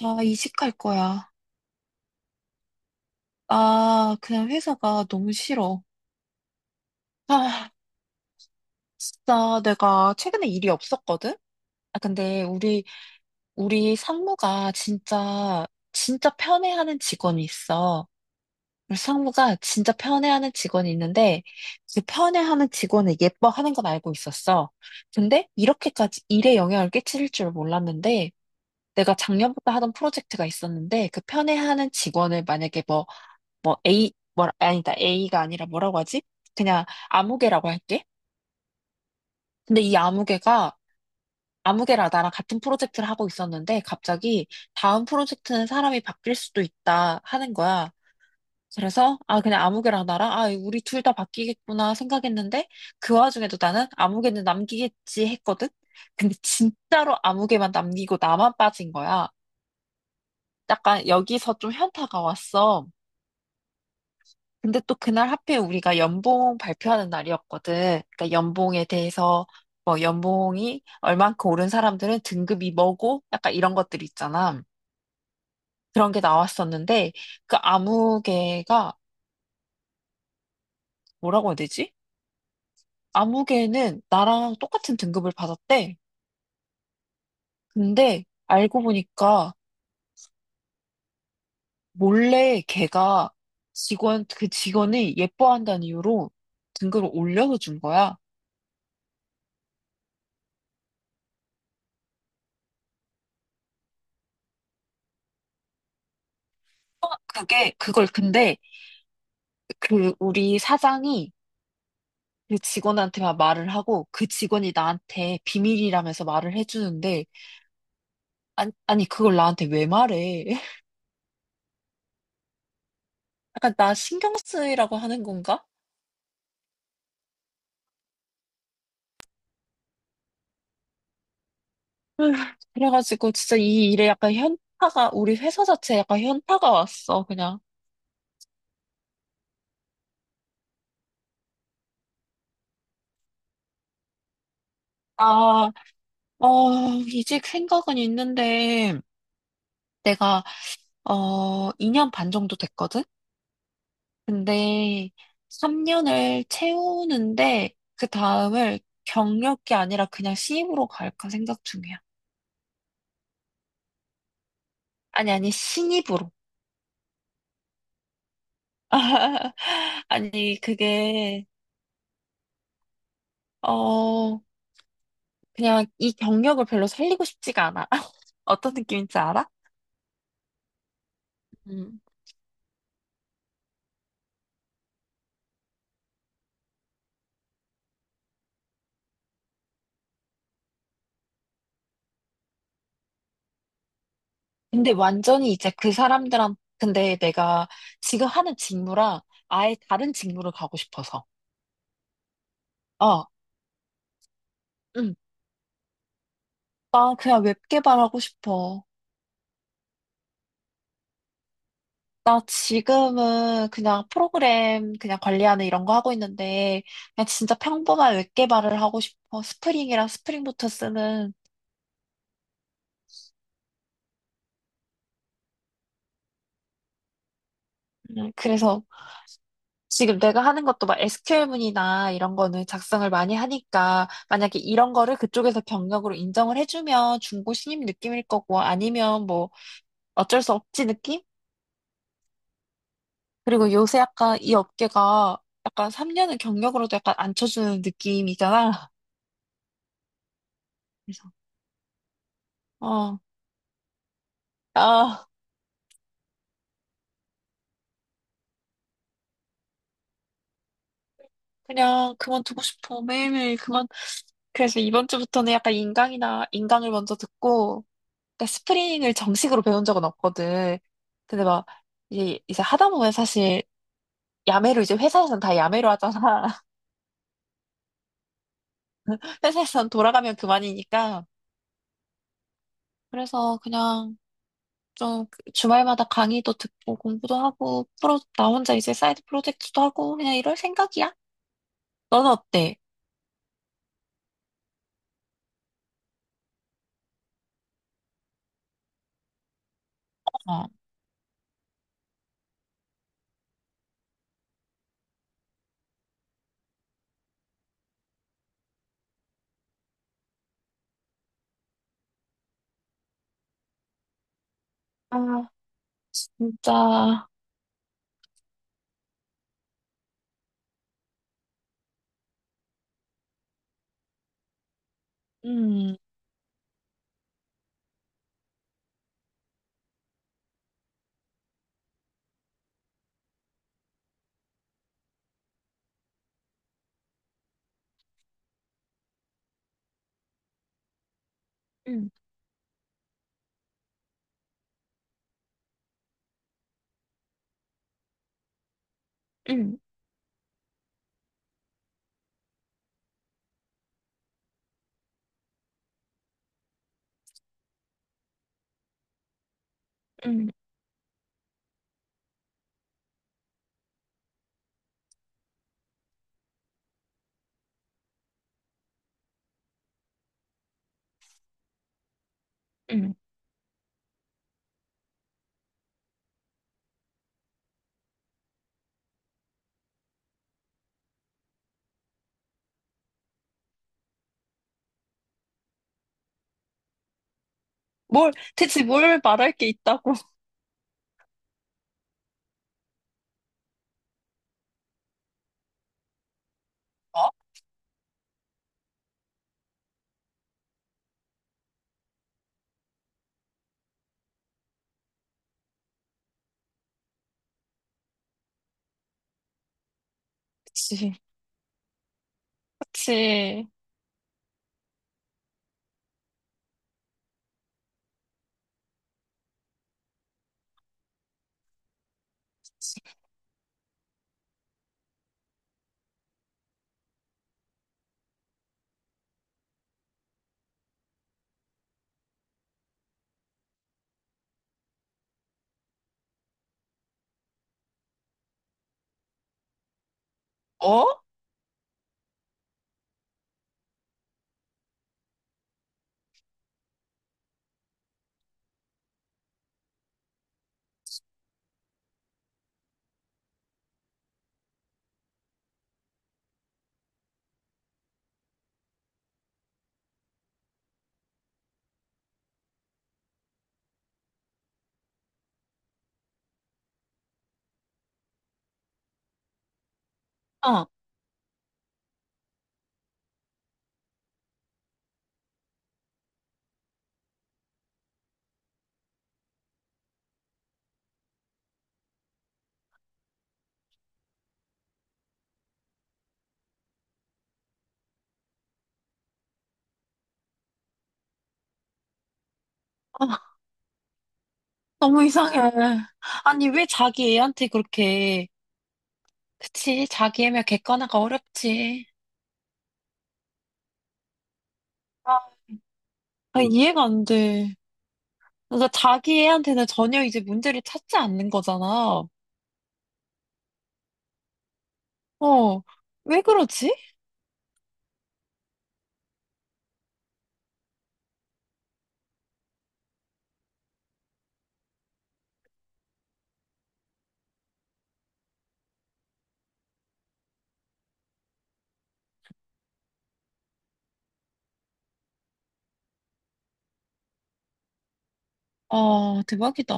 나 이직할 거야. 아, 그냥 회사가 너무 싫어. 아, 진짜 내가 최근에 일이 없었거든? 아, 근데 우리 상무가 진짜 편애하는 직원이 있어. 우리 상무가 진짜 편애하는 직원이 있는데, 그 편애하는 직원을 예뻐하는 건 알고 있었어. 근데 이렇게까지 일에 영향을 끼칠 줄 몰랐는데, 내가 작년부터 하던 프로젝트가 있었는데, 그 편애하는 직원을 만약에 뭐, 뭐 A, 뭐, 아, 아니다. A가 아니라 뭐라고 하지? 그냥 아무개라고 할게. 근데 이 아무개가, 아무개랑 나랑 같은 프로젝트를 하고 있었는데 갑자기 다음 프로젝트는 사람이 바뀔 수도 있다 하는 거야. 그래서, 아, 그냥 아무개랑 나랑, 아, 우리 둘 다 바뀌겠구나 생각했는데 그 와중에도 나는 아무개는 남기겠지 했거든? 근데 진짜로 아무개만 남기고 나만 빠진 거야. 약간 여기서 좀 현타가 왔어. 근데 또 그날 하필 우리가 연봉 발표하는 날이었거든. 그러니까 연봉에 대해서 뭐 연봉이 얼만큼 오른 사람들은 등급이 뭐고 약간 이런 것들 있잖아. 그런 게 나왔었는데 그 아무개가 뭐라고 해야 되지? 아무개는 나랑 똑같은 등급을 받았대. 근데 알고 보니까 몰래 걔가 직원 그 직원을 예뻐한다는 이유로 등급을 올려서 준 거야. 그게 그걸 근데 그 우리 사장이 그 직원한테만 말을 하고 그 직원이 나한테 비밀이라면서 말을 해주는데 아니 그걸 나한테 왜 말해? 약간 나 신경 쓰이라고 하는 건가? 휴. 그래가지고 진짜 이 일에 약간 현타가 우리 회사 자체에 약간 현타가 왔어 그냥. 아, 이직 생각은 있는데 내가 2년 반 정도 됐거든? 근데 3년을 채우는데 그 다음을 경력이 아니라 그냥 신입으로 갈까 생각 중이야. 아니, 신입으로. 아니, 그게, 어, 그냥 이 경력을 별로 살리고 싶지가 않아. 어떤 느낌인지 알아? 음. 근데 완전히 이제 그 사람들한, 근데 내가 지금 하는 직무랑 아예 다른 직무를 가고 싶어서. 어, 응. 나 그냥 웹 개발하고 싶어. 나 지금은 그냥 프로그램 그냥 관리하는 이런 거 하고 있는데, 그냥 진짜 평범한 웹 개발을 하고 싶어. 스프링이랑 스프링부터 쓰는. 그래서 지금 내가 하는 것도 막 SQL문이나 이런 거는 작성을 많이 하니까 만약에 이런 거를 그쪽에서 경력으로 인정을 해주면 중고 신입 느낌일 거고 아니면 뭐 어쩔 수 없지 느낌? 그리고 요새 약간 이 업계가 약간 3년은 경력으로도 약간 안 쳐주는 느낌이잖아. 그래서 어, 아 그냥 그만두고 싶어 매일매일 그만. 그래서 이번 주부터는 약간 인강이나 인강을 먼저 듣고 그러니까 스프링을 정식으로 배운 적은 없거든. 근데 막 이제 하다 보면 사실 야매로 이제 회사에서는 다 야매로 하잖아. 회사에서는 돌아가면 그만이니까. 그래서 그냥 좀 주말마다 강의도 듣고 공부도 하고 프로 나 혼자 이제 사이드 프로젝트도 하고 그냥 이럴 생각이야. 너는 어때? 어. 아, 진짜. 음, 음, 음, 음, 음. 뭘, 대체 뭘 말할 게 있다고. 어? 그치, 그치. 어? 어. 어. 너무 이상해. 아니, 왜 자기 애한테 그렇게, 그치, 자기 애면 객관화가 어렵지. 아, 아, 이해가 안 돼. 그러니까 자기 애한테는 전혀 이제 문제를 찾지 않는 거잖아. 어, 왜 그러지? 아, 대박이다.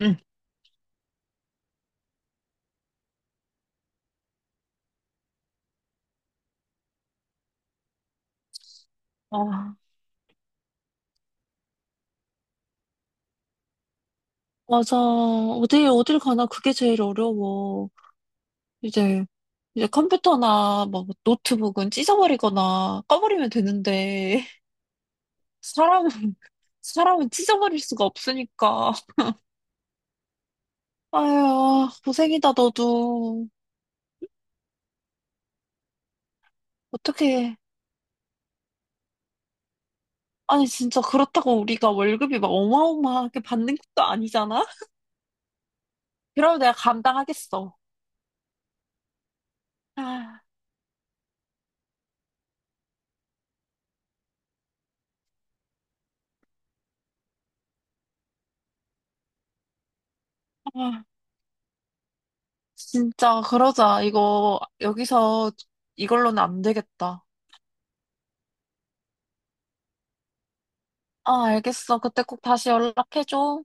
응. 아, 맞아. 어딜 가나 그게 제일 어려워. 이제, 이제 컴퓨터나 뭐 노트북은 찢어버리거나 꺼버리면 되는데, 사람은, 사람은 찢어버릴 수가 없으니까. 아유, 고생이다, 너도. 어떻게. 아니, 진짜 그렇다고 우리가 월급이 막 어마어마하게 받는 것도 아니잖아? 그럼 내가 감당하겠어. 아, 아, 진짜, 그러자. 이거, 여기서 이걸로는 안 되겠다. 아, 알겠어. 그때 꼭 다시 연락해줘.